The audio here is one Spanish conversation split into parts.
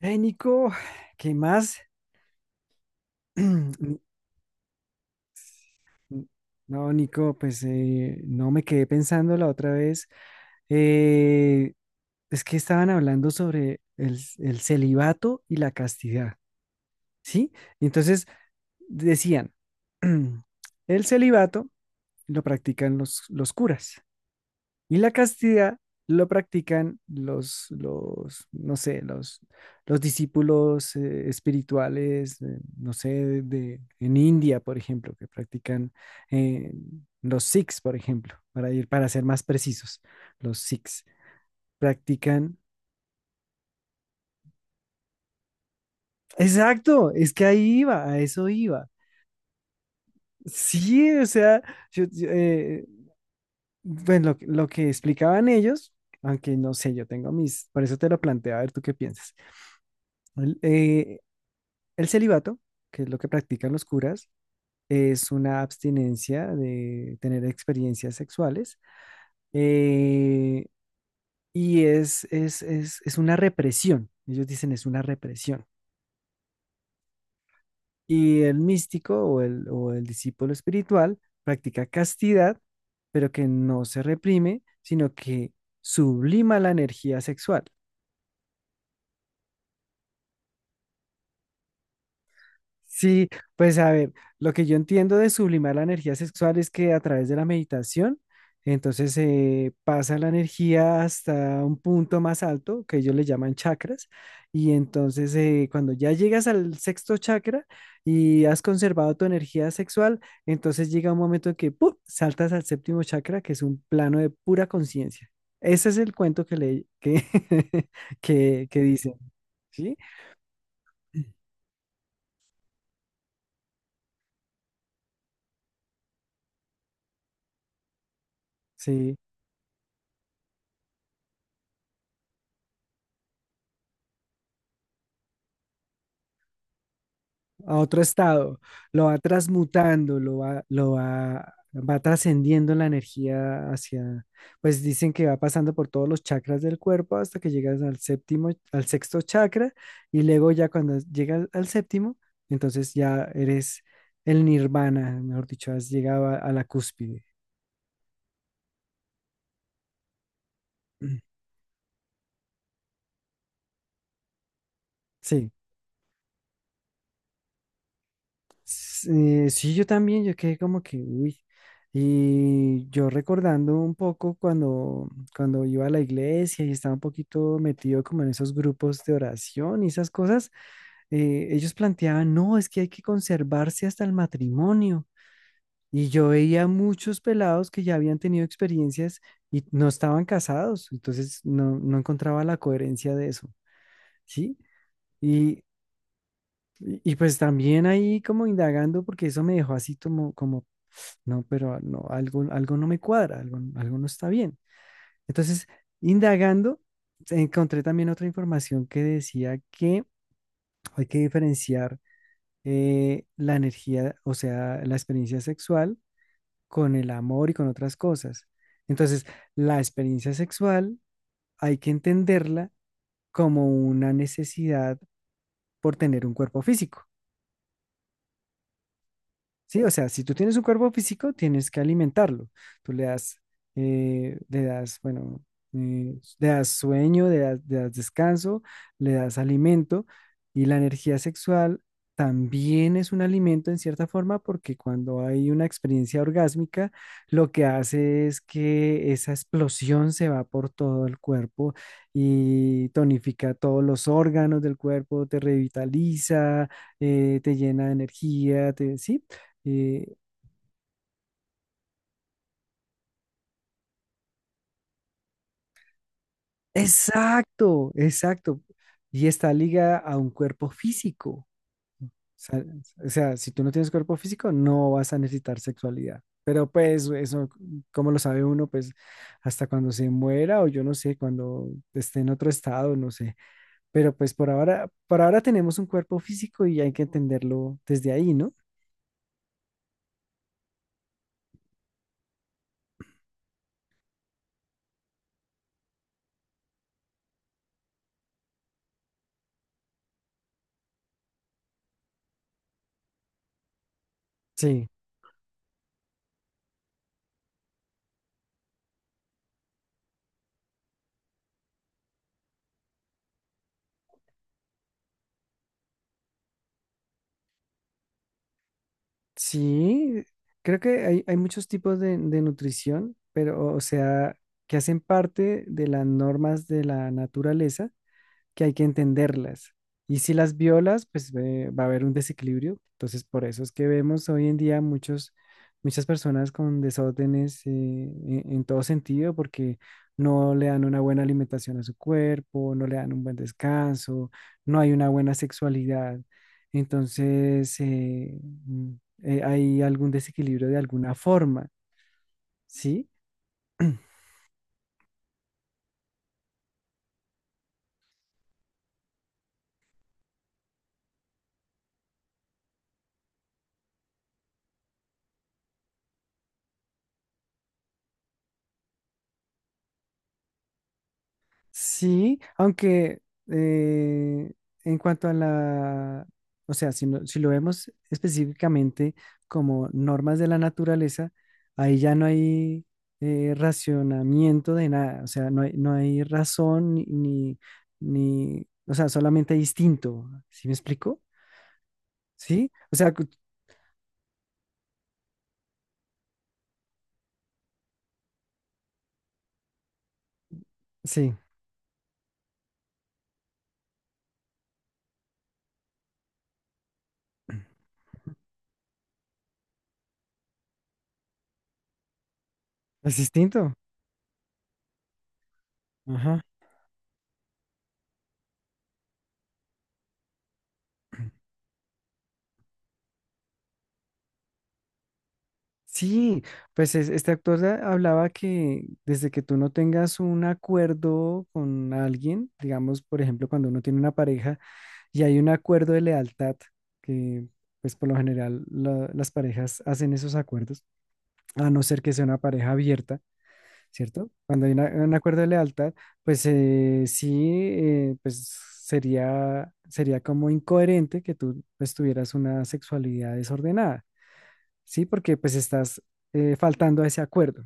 Hey, Nico, ¿qué más? Ni- ni- No, Nico, pues no me quedé pensando la otra vez. eh, es que estaban hablando sobre el celibato y la castidad, ¿sí? Y entonces decían, el celibato lo practican los curas. Y la castidad lo practican no sé, los discípulos espirituales, no sé, en India, por ejemplo, que practican, eh, los Sikhs, por ejemplo, para ir, para ser más precisos, los Sikhs practican. Exacto, es que ahí iba, a eso iba. Sí, o sea, yo, bueno, lo que explicaban ellos, aunque no sé, yo tengo mis, por eso te lo planteé, a ver tú qué piensas. El- eh, El celibato, que es lo que practican los curas, es una abstinencia de tener experiencias sexuales, eh, y es una represión. Ellos dicen es una represión. Y el místico o el discípulo espiritual practica castidad, pero que no se reprime, sino que sublima la energía sexual. Sí, pues a ver, lo que yo entiendo de sublimar la energía sexual es que a través de la meditación, entonces se pasa la energía hasta un punto más alto, que ellos le llaman chakras, y entonces cuando ya llegas al sexto chakra y has conservado tu energía sexual, entonces llega un momento en que ¡pum!, saltas al séptimo chakra, que es un plano de pura conciencia. Ese es el cuento que que dicen, ¿sí? Sí. A otro estado, lo va transmutando, va trascendiendo la energía hacia, pues dicen que va pasando por todos los chakras del cuerpo hasta que llegas al séptimo, al sexto chakra, y luego ya cuando llegas al séptimo, entonces ya eres el nirvana, mejor dicho, has llegado a la cúspide. Sí. Sí, sí, yo también, yo quedé como que, uy. Y yo recordando un poco cuando, cuando iba a la iglesia y estaba un poquito metido como en esos grupos de oración y esas cosas, ellos planteaban, no, es que hay que conservarse hasta el matrimonio. Y yo veía muchos pelados que ya habían tenido experiencias y no estaban casados, entonces no, no encontraba la coherencia de eso, ¿sí? Y, y pues también ahí como indagando, porque eso me dejó así como, como no, pero no, algo, algo no me cuadra, algo, algo no está bien. Entonces, indagando, encontré también otra información que decía que hay que diferenciar, la energía, o sea, la experiencia sexual con el amor y con otras cosas. Entonces, la experiencia sexual hay que entenderla como una necesidad por tener un cuerpo físico. Sí, o sea, si tú tienes un cuerpo físico, tienes que alimentarlo. Tú le das, bueno, le das sueño, le das descanso, le das alimento y la energía sexual también es un alimento en cierta forma porque cuando hay una experiencia orgásmica, lo que hace es que esa explosión se va por todo el cuerpo y tonifica todos los órganos del cuerpo, te revitaliza, te llena de energía, te, sí, eh, exacto, exacto. Y esta liga a un cuerpo físico. O sea, o sea, si tú no tienes cuerpo físico, no vas a necesitar sexualidad. Pero pues eso, como lo sabe uno? Pues hasta cuando se muera o yo no sé, cuando esté en otro estado, no sé. Pero pues por ahora tenemos un cuerpo físico y hay que entenderlo desde ahí, ¿no? Sí. Sí, creo que hay muchos tipos de nutrición, pero o sea, que hacen parte de las normas de la naturaleza que hay que entenderlas. Y si las violas, pues va a haber un desequilibrio. Entonces, por eso es que vemos hoy en día muchos, muchas personas con desórdenes en todo sentido, porque no le dan una buena alimentación a su cuerpo, no le dan un buen descanso, no hay una buena sexualidad. Entonces, hay algún desequilibrio de alguna forma, ¿sí? Sí, aunque eh, en cuanto a la, o sea, si lo vemos específicamente como normas de la naturaleza, ahí ya no hay racionamiento de nada, o sea, no hay, no hay razón o sea, solamente hay instinto, ¿sí me explico? Sí, o sea, sí, es instinto. Ajá. Sí, pues este actor hablaba que desde que tú no tengas un acuerdo con alguien, digamos, por ejemplo, cuando uno tiene una pareja y hay un acuerdo de lealtad, que pues por lo general las parejas hacen esos acuerdos, a no ser que sea una pareja abierta, ¿cierto? Cuando hay un acuerdo de lealtad, pues pues sería, sería como incoherente que tú pues tuvieras una sexualidad desordenada. Sí, porque pues estás faltando a ese acuerdo.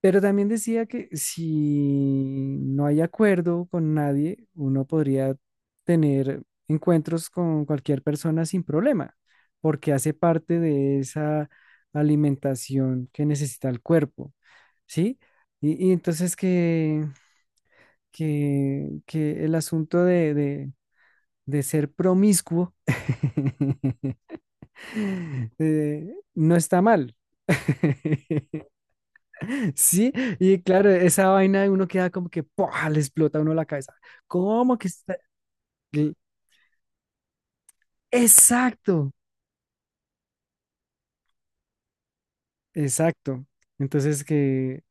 Pero también decía que si no hay acuerdo con nadie, uno podría tener encuentros con cualquier persona sin problema, porque hace parte de esa alimentación que necesita el cuerpo, ¿sí? Y entonces que el asunto de ser promiscuo, no está mal. Sí, y claro, esa vaina de uno queda como que ¡pua!, le explota a uno la cabeza. ¿Cómo que está? el- Exacto, exacto. Entonces que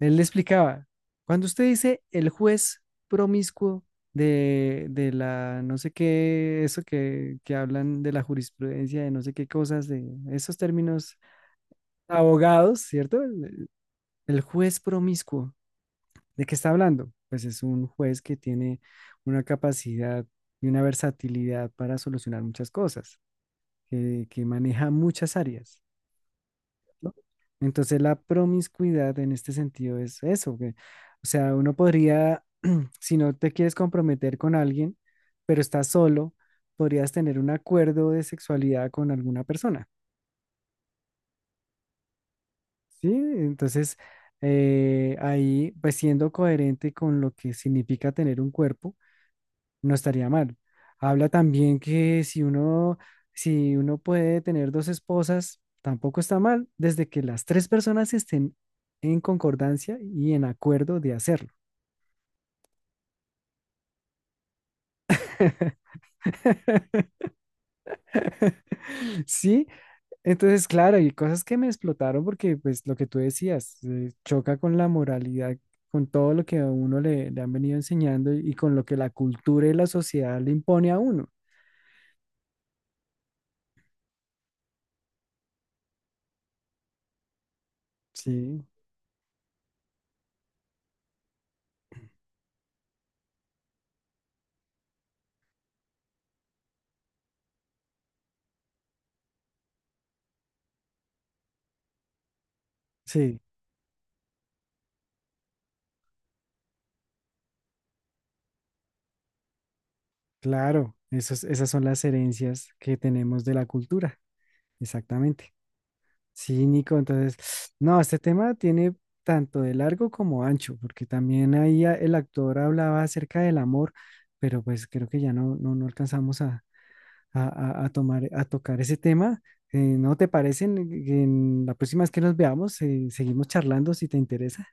él le explicaba, cuando usted dice el juez promiscuo de la no sé qué, eso que hablan de la jurisprudencia, de no sé qué cosas, de esos términos abogados, ¿cierto? El juez promiscuo. ¿De qué está hablando? Pues es un juez que tiene una capacidad y una versatilidad para solucionar muchas cosas, que maneja muchas áreas, ¿no? Entonces la promiscuidad en este sentido es eso, que, o sea, uno podría, si no te quieres comprometer con alguien, pero estás solo, podrías tener un acuerdo de sexualidad con alguna persona, ¿sí? Entonces, ahí, pues siendo coherente con lo que significa tener un cuerpo, no estaría mal. Habla también que si uno, si uno puede tener dos esposas, tampoco está mal, desde que las tres personas estén en concordancia y en acuerdo de hacerlo. Sí, entonces, claro, y cosas que me explotaron porque, pues, lo que tú decías, choca con la moralidad, con todo lo que a uno le han venido enseñando y con lo que la cultura y la sociedad le impone a uno. Sí, sí. Claro, esas son las herencias que tenemos de la cultura, exactamente. Sí, Nico, entonces, no, este tema tiene tanto de largo como ancho, porque también ahí el actor hablaba acerca del amor, pero pues creo que ya no, no, no alcanzamos a, a tomar, a tocar ese tema. ¿No te parece? En la próxima vez que nos veamos, seguimos charlando si te interesa.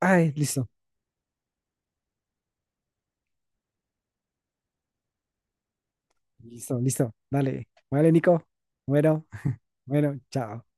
Ay, listo, listo, listo. Dale, vale, Nico. Bueno, bueno, chao.